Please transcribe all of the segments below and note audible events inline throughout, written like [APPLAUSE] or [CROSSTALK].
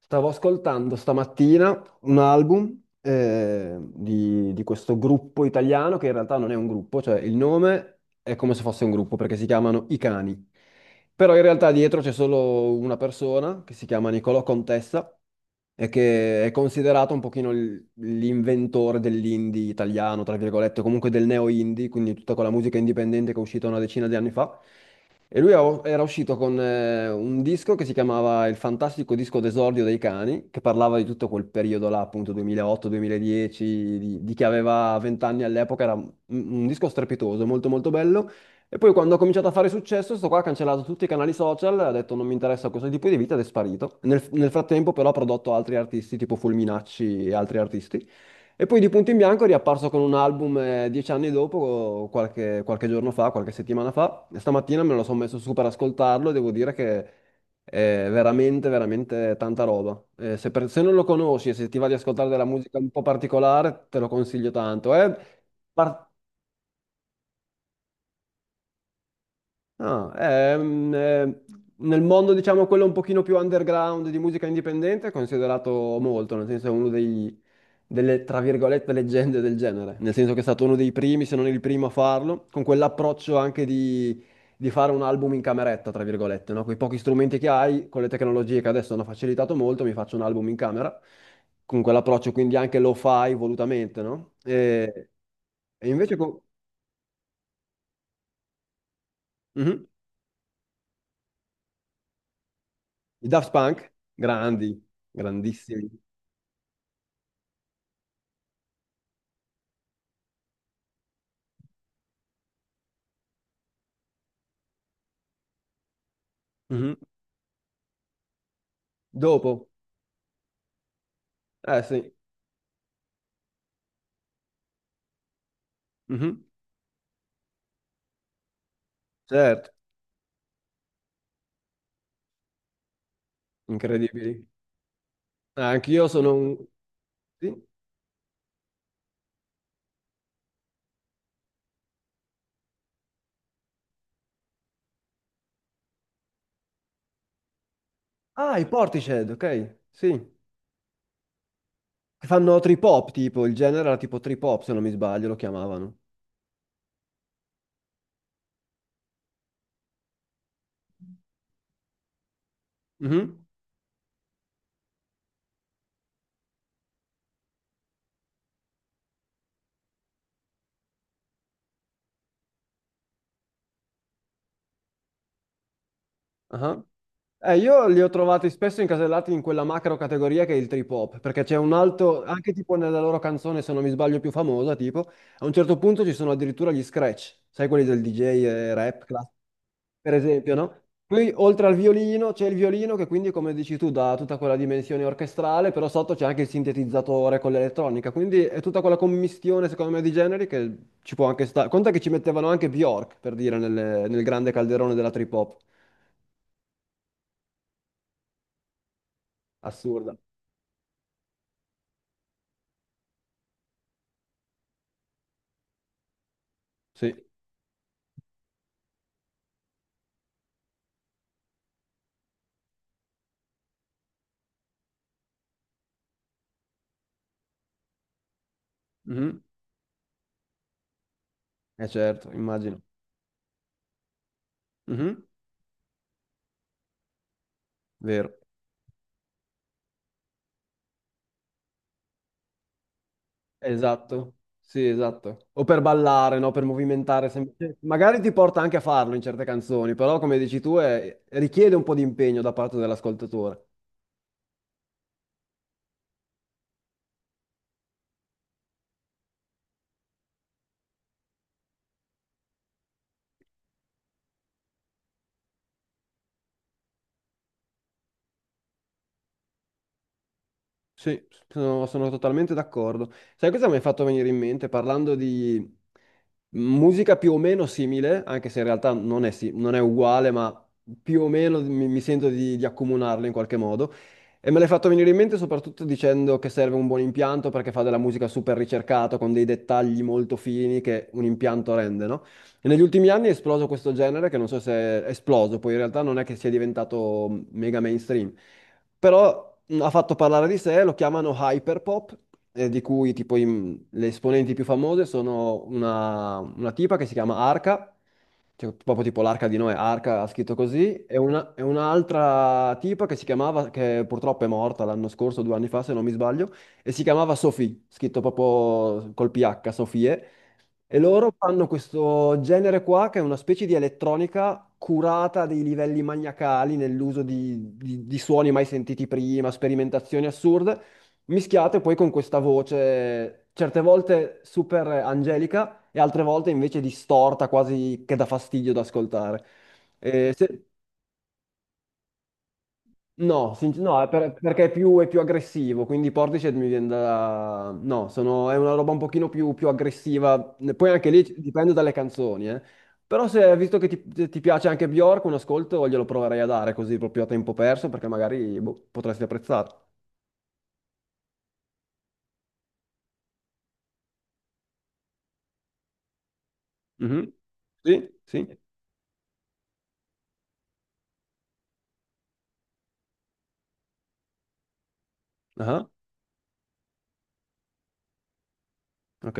Stavo ascoltando stamattina un album di questo gruppo italiano che in realtà non è un gruppo, cioè il nome è come se fosse un gruppo perché si chiamano I Cani. Però in realtà dietro c'è solo una persona che si chiama Nicolò Contessa e che è considerato un pochino l'inventore dell'indie italiano, tra virgolette, o comunque del neo-indie, quindi tutta quella musica indipendente che è uscita una decina di anni fa. E era uscito con un disco che si chiamava Il fantastico disco d'esordio dei cani, che parlava di tutto quel periodo là, appunto 2008-2010, di chi aveva 20 anni all'epoca, era un disco strepitoso, molto molto bello. E poi quando ha cominciato a fare successo, sto qua ha cancellato tutti i canali social, ha detto non mi interessa questo tipo di vita ed è sparito. Nel frattempo però ha prodotto altri artisti tipo Fulminacci e altri artisti. E poi di punto in bianco è riapparso con un album 10 anni dopo, qualche giorno fa, qualche settimana fa. E stamattina me lo sono messo su per ascoltarlo e devo dire che è veramente, veramente tanta roba. Se non lo conosci e se ti va di ascoltare della musica un po' particolare, te lo consiglio tanto. È par- Ah, ehm, eh, nel mondo, diciamo, quello un pochino più underground di musica indipendente è considerato molto, nel senso è uno delle, tra virgolette, leggende del genere, nel senso che è stato uno dei primi, se non il primo a farlo, con quell'approccio anche di fare un album in cameretta, tra virgolette, no? Con i pochi strumenti che hai, con le tecnologie che adesso hanno facilitato molto, mi faccio un album in camera, con quell'approccio quindi anche lo fai volutamente, no? E invece con... Mhm. I Daft Punk, grandi. Grandissimi. Mhm. Dopo? Eh sì, mhm. Certo, incredibili. Ah, anch'io sono un... Sì? Ah, i Portishead, ok, sì. Che fanno trip hop, tipo, il genere era tipo trip hop, se non mi sbaglio, lo chiamavano. Mhm. Ah. Io li ho trovati spesso incasellati in quella macro categoria che è il trip hop, perché c'è un altro, anche tipo nella loro canzone, se non mi sbaglio, più famosa, tipo, a un certo punto ci sono addirittura gli scratch, sai quelli del DJ e rap, classico? Per esempio, no? Poi oltre al violino c'è il violino che quindi, come dici tu, dà tutta quella dimensione orchestrale, però sotto c'è anche il sintetizzatore con l'elettronica, quindi è tutta quella commistione, secondo me, di generi che ci può anche stare. Conta che ci mettevano anche Bjork, per dire, nel grande calderone della trip hop. Assurda. Sì. Mhm. Eh certo, immagino. Mhm. Vero. Esatto, sì, esatto. O per ballare, no? Per movimentare. Magari ti porta anche a farlo in certe canzoni, però come dici tu richiede un po' di impegno da parte dell'ascoltatore. Sì, sono totalmente d'accordo. Sai cosa mi hai fatto venire in mente parlando di musica più o meno simile, anche se in realtà non è uguale, ma più o meno mi sento di accomunarle in qualche modo. E me l'hai fatto venire in mente soprattutto dicendo che serve un buon impianto perché fa della musica super ricercata, con dei dettagli molto fini che un impianto rende, no? E negli ultimi anni è esploso questo genere che non so se è esploso, poi in realtà non è che sia diventato mega mainstream però ha fatto parlare di sé, lo chiamano Hyperpop, di cui tipo i- le esponenti più famose sono una tipa che si chiama Arca, cioè, proprio tipo l'arca di Noè, Arca ha scritto così, e un'altra tipa che si chiamava, che purtroppo è morta l'anno scorso, due anni fa se non mi sbaglio, e si chiamava Sophie, scritto proprio col PH, Sofie, e loro fanno questo genere qua che è una specie di elettronica curata a dei livelli maniacali nell'uso di suoni mai sentiti prima, sperimentazioni assurde, mischiate poi con questa voce certe volte super angelica e altre volte invece distorta, quasi che dà fastidio da ascoltare. E se- No, sinc- no, è per- perché è più aggressivo, quindi Portishead mi viene da... No, sono- è una roba un pochino più aggressiva, poi anche lì dipende dalle canzoni, eh. Però se, visto che ti piace anche Bjork, un ascolto glielo proverei a dare così proprio a tempo perso, perché magari boh, potresti apprezzare. Mhm. Sì, sì, ah, ok,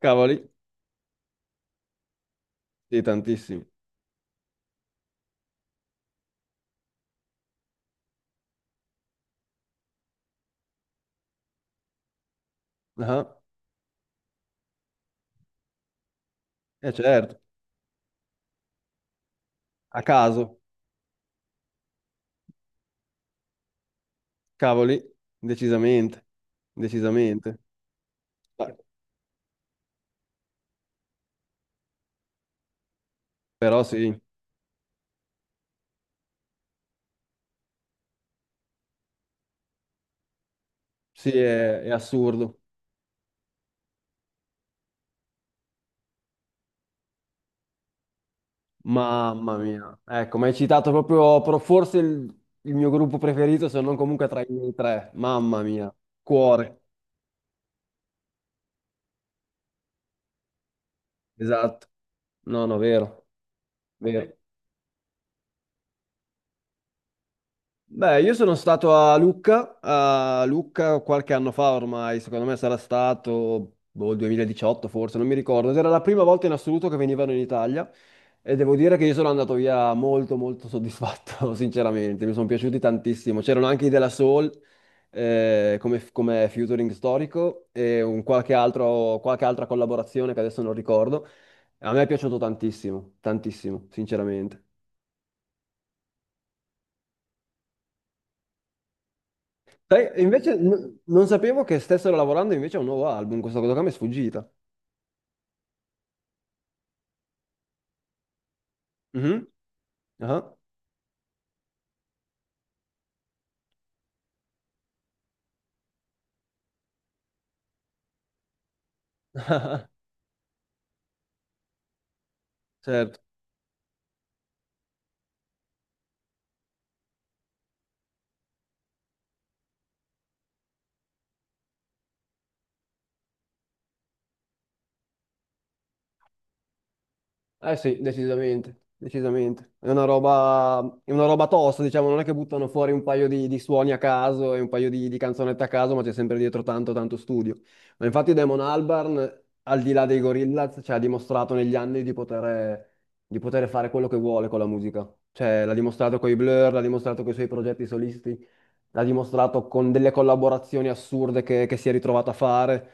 cavoli, sì, tantissimi, ah, eh certo, a caso, cavoli, decisamente, decisamente, ah, però sì. Sì, è assurdo. Mamma mia. Ecco, mi hai citato proprio forse il mio gruppo preferito, se non comunque tra i miei tre. Mamma mia. Cuore. Esatto. No, no, vero. Vero. Beh, io sono stato a Lucca qualche anno fa ormai, secondo me sarà stato boh, 2018 forse, non mi ricordo. Ed era la prima volta in assoluto che venivano in Italia e devo dire che io sono andato via molto molto soddisfatto, [LAUGHS] sinceramente, mi sono piaciuti tantissimo. C'erano anche i della Soul come, come featuring storico e un qualche altro, qualche altra collaborazione che adesso non ricordo. A me è piaciuto tantissimo, tantissimo, sinceramente. Sai, e invece non sapevo che stessero lavorando invece a un nuovo album, questa cosa qua mi è sfuggita. Mhm. Ah, certo. Eh sì, decisamente, decisamente. È una roba tosta, diciamo, non è che buttano fuori un paio di suoni a caso e un paio di canzonette a caso, ma c'è sempre dietro tanto, tanto studio. Ma infatti Damon Albarn, al di là dei Gorillaz, cioè, ha dimostrato negli anni di poter fare quello che vuole con la musica. Cioè, l'ha dimostrato con i Blur, l'ha dimostrato con i suoi progetti solisti. L'ha dimostrato con delle collaborazioni assurde che si è ritrovato a fare.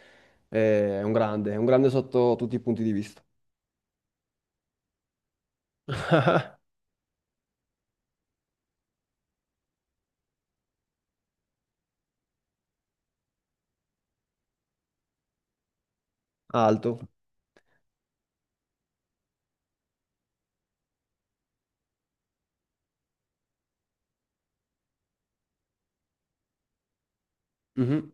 È un grande sotto tutti i punti di vista. Alto. Mhm.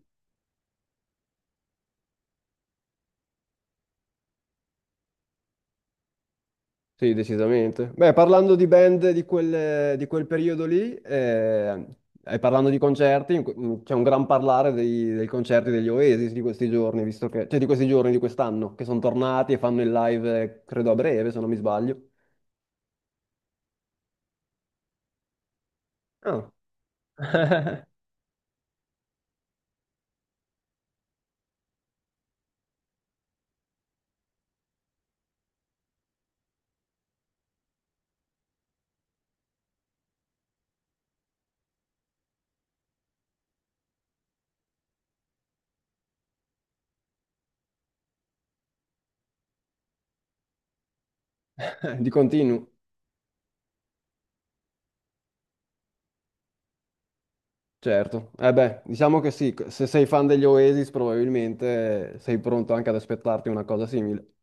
Sì, decisamente. Beh, parlando di band di di quel periodo lì, e parlando di concerti, c'è un gran parlare dei concerti degli Oasis di questi giorni, visto che, cioè di questi giorni, di quest'anno, che sono tornati e fanno il live, credo a breve, se non mi sbaglio. Ah, [LAUGHS] di continuo. Certo, eh beh, diciamo che sì, se sei fan degli Oasis probabilmente sei pronto anche ad aspettarti una cosa simile.